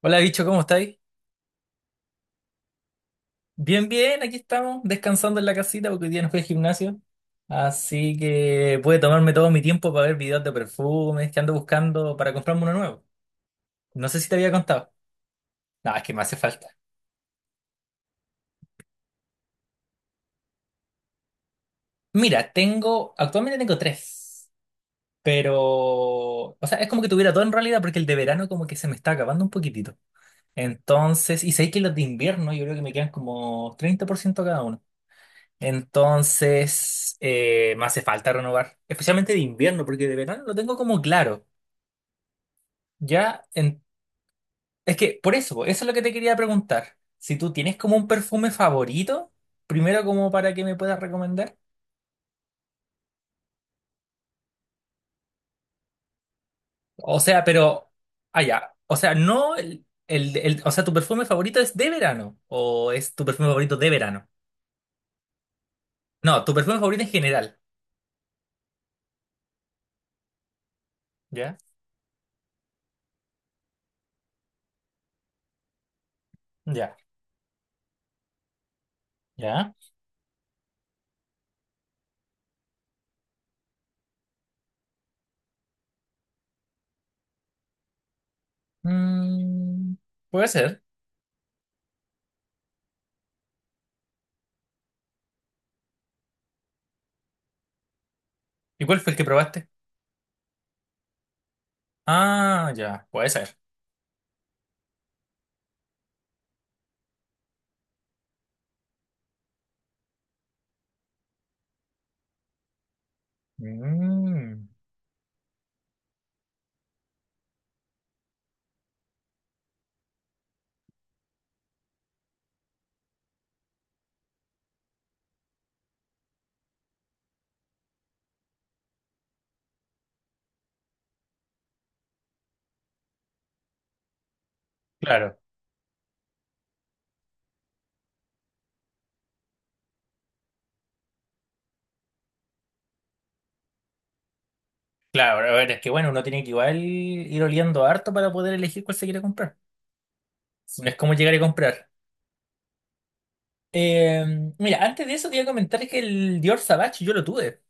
Hola, bicho, ¿cómo estáis? Bien, bien, aquí estamos, descansando en la casita porque hoy día no fui al gimnasio. Así que pude tomarme todo mi tiempo para ver videos de perfumes que ando buscando para comprarme uno nuevo. No sé si te había contado. No, es que me hace falta. Mira, tengo, actualmente tengo tres, pero, o sea, es como que tuviera todo en realidad porque el de verano como que se me está acabando un poquitito. Entonces, y sé que los de invierno yo creo que me quedan como 30% cada uno. Entonces, me hace falta renovar, especialmente de invierno, porque de verano lo tengo como claro. Ya, es que por eso, eso es lo que te quería preguntar. Si tú tienes como un perfume favorito, primero como para que me puedas recomendar. O sea, pero, ah, ya, o sea, no, o sea, tu perfume favorito es de verano, o es tu perfume favorito de verano. No, tu perfume favorito en general. Ya, ya, ya. Mm, puede ser. ¿Y cuál fue el que probaste? Ah, ya, puede ser. Mm, claro, claro. A ver, es que bueno, uno tiene que igual ir oliendo harto para poder elegir cuál se quiere comprar. No es como llegar y comprar. Eh, mira, antes de eso te iba a comentar que el Dior Sauvage yo lo tuve.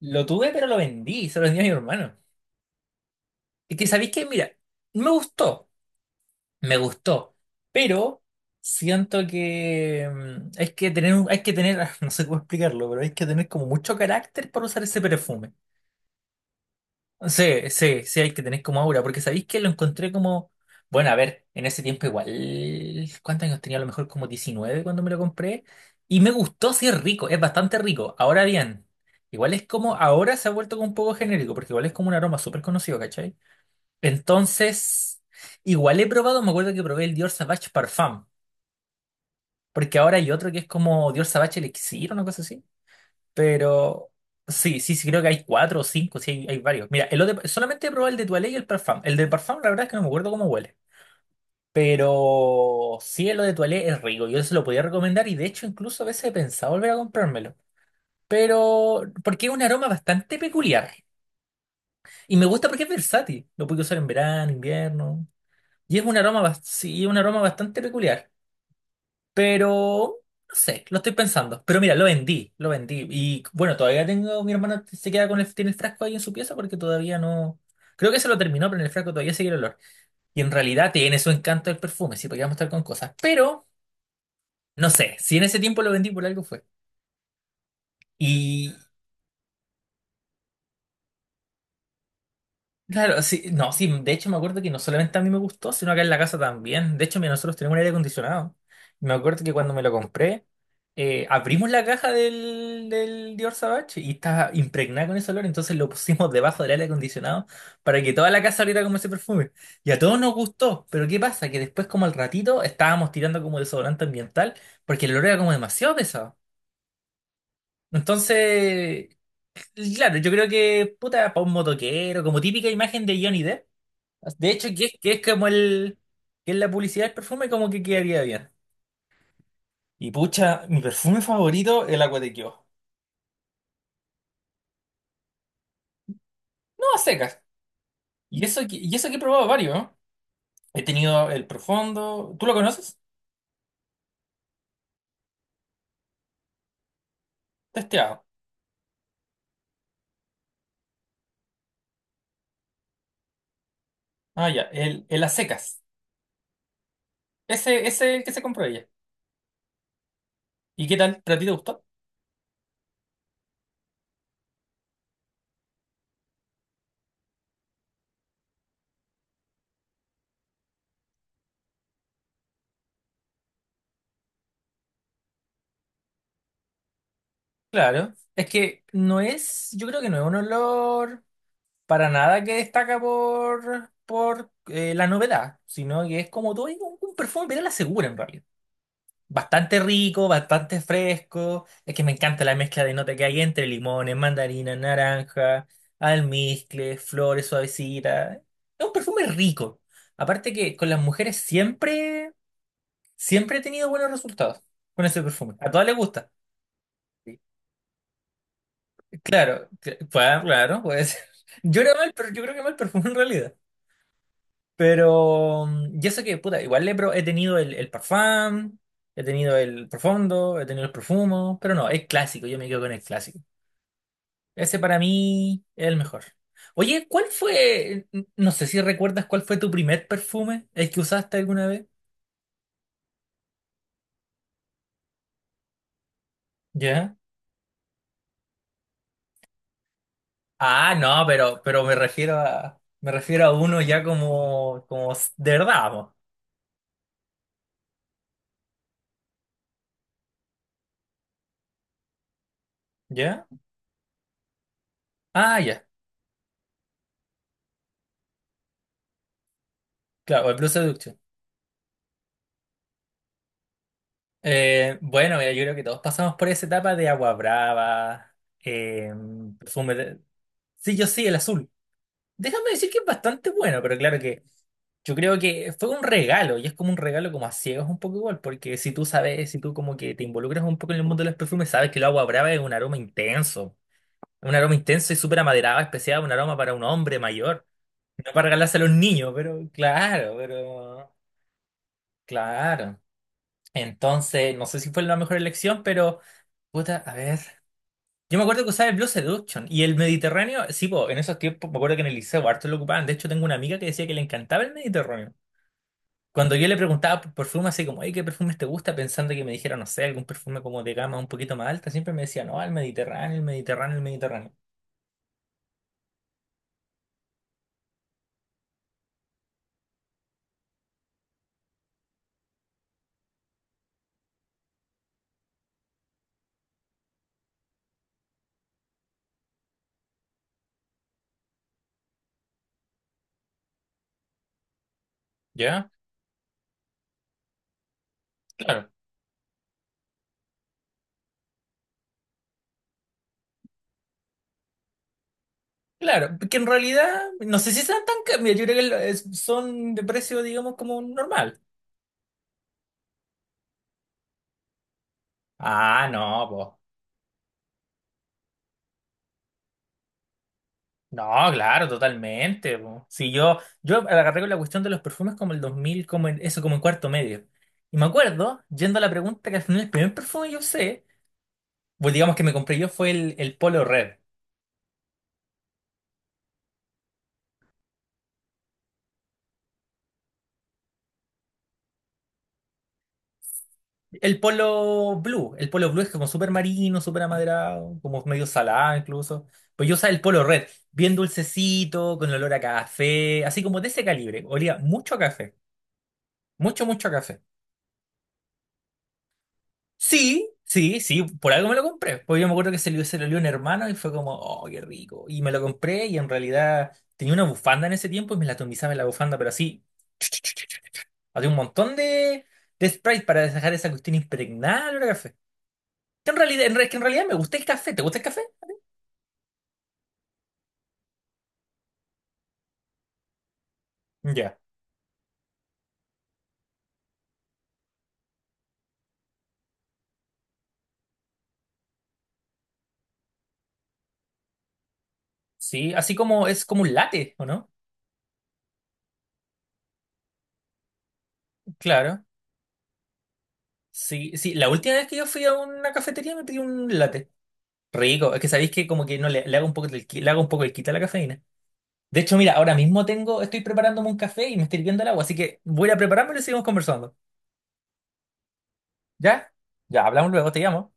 Lo tuve, pero lo vendí, se lo vendí a mi hermano. Y que sabéis que, mira, me gustó, me gustó, pero siento que hay que tener, no sé cómo explicarlo, pero hay que tener como mucho carácter para usar ese perfume. Sí, sí, sí, hay que tener como aura, porque sabéis que lo encontré como, bueno, a ver, en ese tiempo igual, ¿cuántos años tenía? A lo mejor como 19 cuando me lo compré, y me gustó, sí es rico, es bastante rico. Ahora bien, igual es como, ahora se ha vuelto como un poco genérico, porque igual es como un aroma súper conocido, ¿cachai? Entonces, igual he probado, me acuerdo que probé el Dior Sauvage Parfum, porque ahora hay otro que es como Dior Sauvage Elixir, una cosa así. Pero sí, sí, sí, creo que hay 4 o 5, sí, hay varios. Mira, el otro, solamente he probado el de Toilé y el Parfum. El de Parfum, la verdad es que no me acuerdo cómo huele. Pero sí, el de Toilé es rico, yo se lo podía recomendar y de hecho incluso a veces he pensado volver a comprármelo. Pero porque es un aroma bastante peculiar. Y me gusta porque es versátil. Lo puedo usar en verano, invierno. Y es un aroma, sí, un aroma bastante peculiar. Pero no sé, lo estoy pensando. Pero mira, lo vendí, lo vendí. Y bueno, todavía tengo, mi hermana se queda con el, tiene el frasco ahí en su pieza porque todavía no. Creo que se lo terminó, pero en el frasco todavía sigue el olor. Y en realidad tiene su encanto el perfume, sí, porque vamos a estar con cosas. Pero, no sé, si en ese tiempo lo vendí por algo fue. Y, Claro, sí, no, sí, de hecho me acuerdo que no solamente a mí me gustó, sino acá en la casa también. De hecho, mira, nosotros tenemos un aire acondicionado. Me acuerdo que cuando me lo compré, abrimos la caja del Dior Sauvage y estaba impregnada con ese olor, entonces lo pusimos debajo del aire acondicionado para que toda la casa oliera como ese perfume. Y a todos nos gustó, pero ¿qué pasa? Que después, como al ratito, estábamos tirando como desodorante ambiental porque el olor era como demasiado pesado. Entonces, claro, yo creo que, puta, para un motoquero, como típica imagen de Johnny Depp. De hecho, que es como el... Que es la publicidad del perfume como que quedaría bien. Y pucha, mi perfume favorito es el Agua de Kio. No, a secas. Y eso, y eso que he probado varios, ¿no? He tenido el profundo. ¿Tú lo conoces? Testeado. Ah, ya. El a secas. Ese es el que se compró ella. ¿Y qué tal? ¿Para ti te gustó? Claro. Es que no es. Yo creo que no es un olor para nada que destaca por la novedad. Sino que es como todo es un, perfume, pero a la segura en realidad. Bastante rico, bastante fresco. Es que me encanta la mezcla de nota que hay entre limones, mandarina, naranja, almizcle, flores suavecitas. Es un perfume rico. Aparte que con las mujeres siempre, siempre he tenido buenos resultados con ese perfume. A todas les gusta. Claro, claro, claro, puede ser. Yo era mal, pero yo creo que mal perfume en realidad. Pero yo sé que, puta, igual he tenido el parfum, he tenido el profundo, he tenido el profumo, pero no, el clásico, yo me quedo con el clásico. Ese para mí es el mejor. Oye, ¿cuál fue? No sé si recuerdas cuál fue tu primer perfume, el que usaste alguna vez. ¿Ya? Ah, no, pero me refiero a, uno ya como, de verdad, po. ¿Ya? Ah, ya, claro, el Blue Seduction. Bueno, mira, yo creo que todos pasamos por esa etapa de agua brava, eh, perfume de... Sí, yo sí, el azul. Déjame decir que es bastante bueno, pero claro que yo creo que fue un regalo y es como un regalo como a ciegas un poco igual, porque si tú sabes, si tú como que te involucras un poco en el mundo de los perfumes, sabes que el agua brava es un aroma intenso y súper amaderado, especial, un aroma para un hombre mayor, no para regalarse a los niños, pero claro, pero claro. Entonces, no sé si fue la mejor elección, pero... Puta, a ver. Yo me acuerdo que usaba el Blue Seduction y el Mediterráneo, sí, po, en esos tiempos me acuerdo que en el liceo harto lo ocupaban. De hecho, tengo una amiga que decía que le encantaba el Mediterráneo. Cuando yo le preguntaba por perfume, así como, hey, ¿qué perfumes te gusta? Pensando que me dijera, no sé, algún perfume como de gama un poquito más alta, siempre me decía, no, el Mediterráneo, el Mediterráneo, el Mediterráneo. ¿Ya? Claro. Claro, que en realidad, no sé si sean tan caros. Mira, yo creo que son de precio, digamos, como normal. Ah, no, pues. No, claro, totalmente. Po. Si yo agarré con la cuestión de los perfumes como el 2000, como en cuarto medio. Y me acuerdo, yendo a la pregunta, que al final el primer perfume yo sé, pues digamos que me compré yo fue el Polo Red. El Polo Blue. El Polo Blue es como súper marino, súper amaderado, como medio salado incluso. Pues yo usaba el Polo Red, bien dulcecito, con olor a café, así como de ese calibre. Olía mucho a café, mucho, mucho a café. Sí, sí, sí, por algo me lo compré. Porque yo me acuerdo que se lo dio un hermano y fue como, oh, qué rico. Y me lo compré y en realidad tenía una bufanda en ese tiempo y me la atomizaba en la bufanda, pero así, había un montón de Sprite para dejar esa cuestión impregnada al olor a café. Que en realidad me gusta el café. ¿Te gusta el café? Ya. Sí, así como es como un latte, ¿o no? Claro. Sí, sí. La última vez que yo fui a una cafetería me pedí un latte. Rico. Es que sabéis que como que no le hago un poco el quita a la cafeína. De hecho, mira, ahora mismo tengo, estoy preparándome un café y me estoy hirviendo el agua, así que voy a prepararme y lo seguimos conversando. ¿Ya? Ya, hablamos luego, te llamo.